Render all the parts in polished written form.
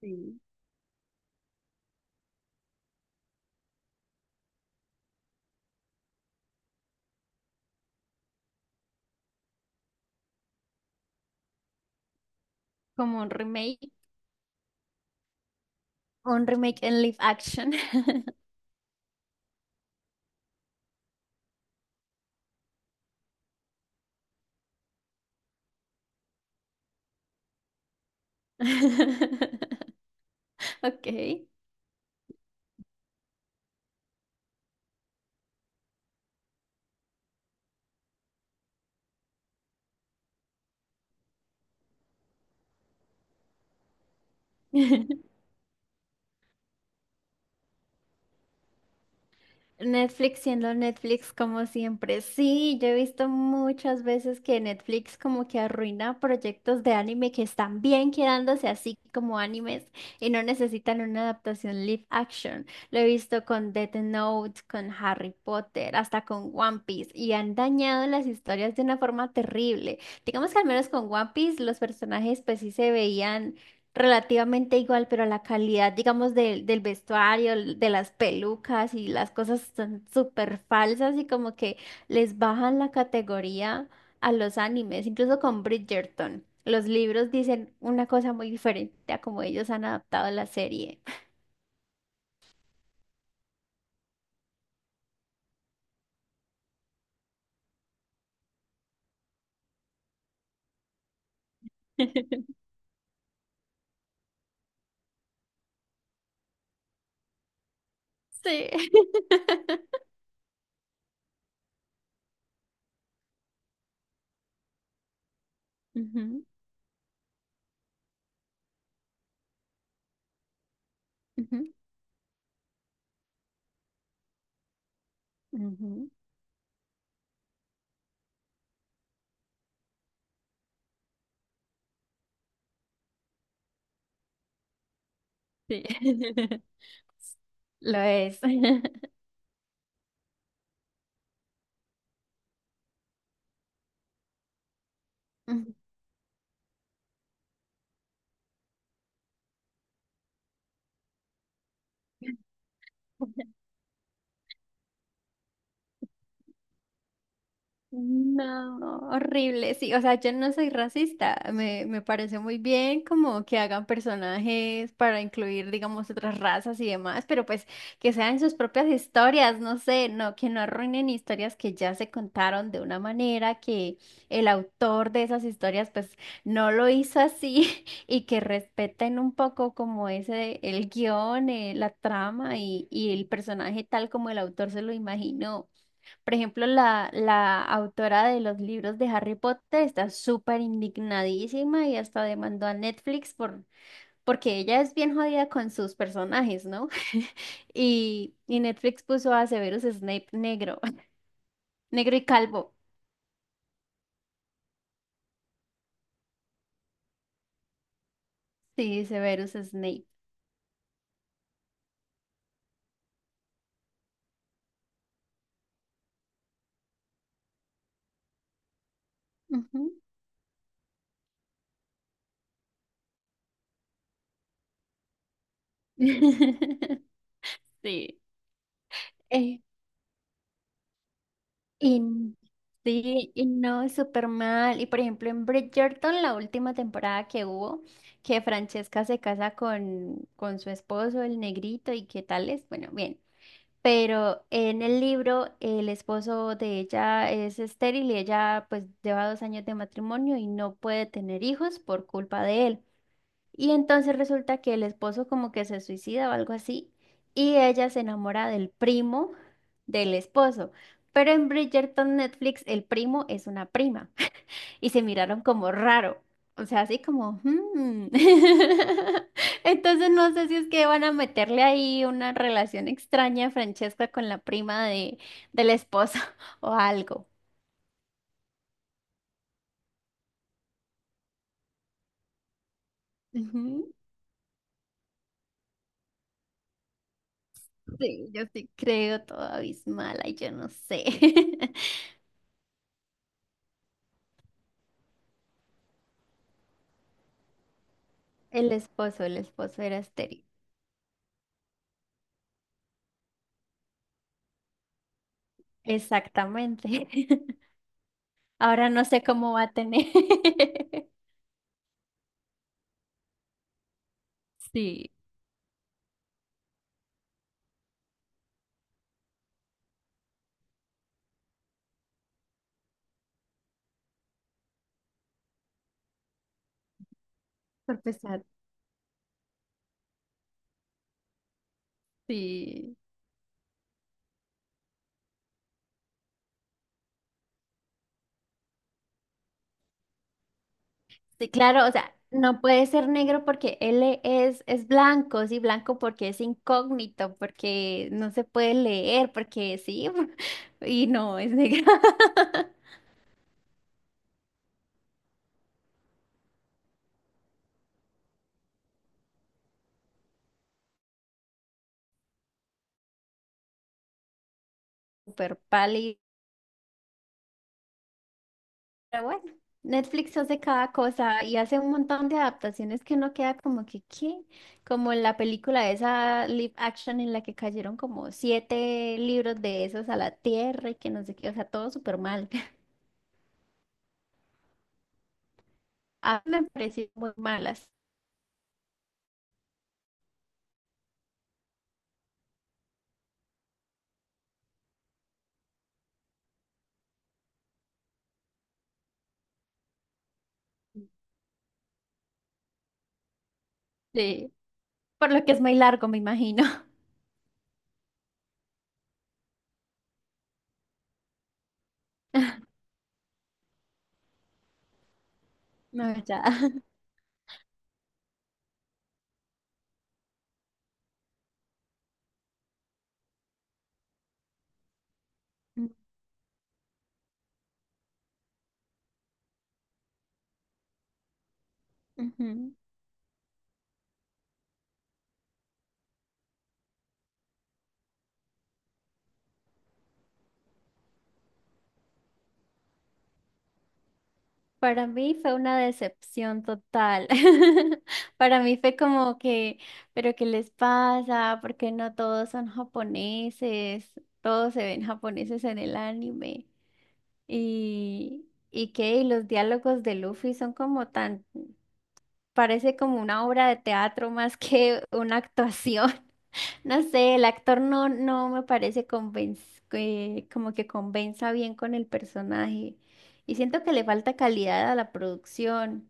Sí. Como un remake en live action. Ok. Netflix siendo Netflix como siempre. Sí, yo he visto muchas veces que Netflix como que arruina proyectos de anime que están bien quedándose así como animes y no necesitan una adaptación live action. Lo he visto con Death Note, con Harry Potter, hasta con One Piece y han dañado las historias de una forma terrible. Digamos que al menos con One Piece los personajes pues sí se veían relativamente igual, pero la calidad, digamos, del vestuario, de las pelucas y las cosas son súper falsas y como que les bajan la categoría a los animes, incluso con Bridgerton. Los libros dicen una cosa muy diferente a como ellos han adaptado la serie. Sí. Ujú, ujú, ujú, sí. Lo es. No, horrible, sí, o sea, yo no soy racista, me parece muy bien como que hagan personajes para incluir, digamos, otras razas y demás, pero pues que sean sus propias historias, no sé, no, que no arruinen historias que ya se contaron de una manera que el autor de esas historias pues no lo hizo así y que respeten un poco como ese, el guión, la trama y el personaje tal como el autor se lo imaginó. Por ejemplo, la autora de los libros de Harry Potter está súper indignadísima y hasta demandó a Netflix por, porque ella es bien jodida con sus personajes, ¿no? Y Netflix puso a Severus Snape negro, negro y calvo. Sí, Severus Snape. Ujú. Sí. Y sí, y no, súper mal. Y por ejemplo, en Bridgerton, la última temporada que hubo, que Francesca se casa con su esposo, el negrito, y qué tal es, bueno, bien. Pero en el libro, el esposo de ella es estéril y ella pues lleva 2 años de matrimonio y no puede tener hijos por culpa de él. Y entonces resulta que el esposo como que se suicida o algo así, y ella se enamora del primo del esposo. Pero en Bridgerton Netflix el primo es una prima y se miraron como raro. O sea, así como... "Hmm". Entonces no sé si es que van a meterle ahí una relación extraña a Francesca con la prima del esposo o algo. Ujú. Sí, yo sí creo todo abismal, ay, yo no sé. El esposo era estéril. Exactamente. Ahora no sé cómo va a tener. Sí, por pesar. Sí. Sí, claro, o sea, no puede ser negro porque él es blanco, sí, blanco porque es incógnito, porque no se puede leer, porque sí, y no, es negro. Súper pálido. Pero bueno, Netflix hace cada cosa y hace un montón de adaptaciones que uno queda como que, ¿qué? Como en la película esa live action en la que cayeron como siete libros de esos a la tierra y que no sé qué, o sea, todo súper mal. A mí me parecieron muy malas. Sí, por lo que es muy largo, me imagino. No, ya. Ujú. Para mí fue una decepción total. Para mí fue como que, pero ¿qué les pasa? ¿Por qué no todos son japoneses? Todos se ven japoneses en el anime. Y qué, y los diálogos de Luffy son como tan, parece como una obra de teatro más que una actuación. No sé, el actor no me parece como que convenza bien con el personaje. Y siento que le falta calidad a la producción.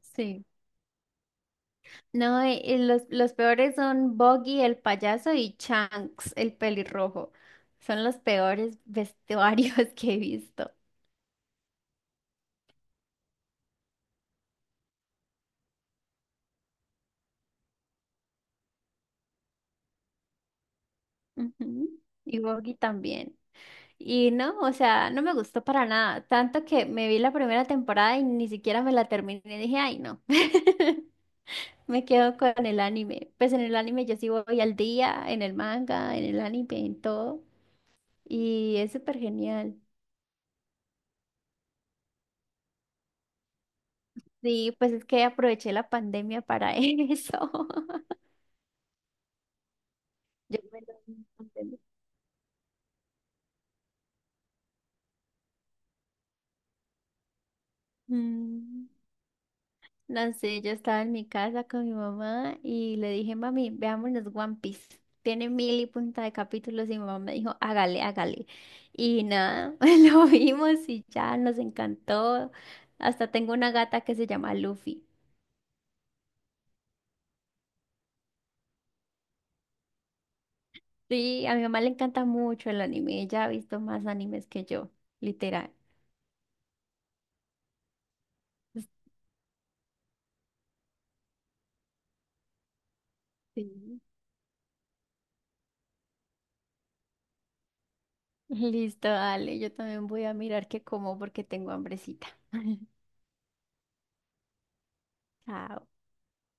Sí. No, los peores son Boggy, el payaso, y Chunks, el pelirrojo. Son los peores vestuarios que he visto. Ujú. Y Boggy también. Y no, o sea, no me gustó para nada. Tanto que me vi la primera temporada y ni siquiera me la terminé. Dije, ay, no. Me quedo con el anime. Pues en el anime yo sí voy al día, en el manga, en el anime, en todo. Y es súper genial. Sí, pues es que aproveché la pandemia para eso. Yo me lo vi en pandemia. Mm, No sé, yo estaba en mi casa con mi mamá y le dije, mami, veámonos One Piece. Tiene mil y punta de capítulos y mi mamá me dijo, hágale, hágale. Y nada, lo vimos y ya nos encantó. Hasta tengo una gata que se llama Luffy. Sí, a mi mamá le encanta mucho el anime. Ella ha visto más animes que yo, literal. Sí. Listo, dale, yo también voy a mirar qué como porque tengo hambrecita. Chao.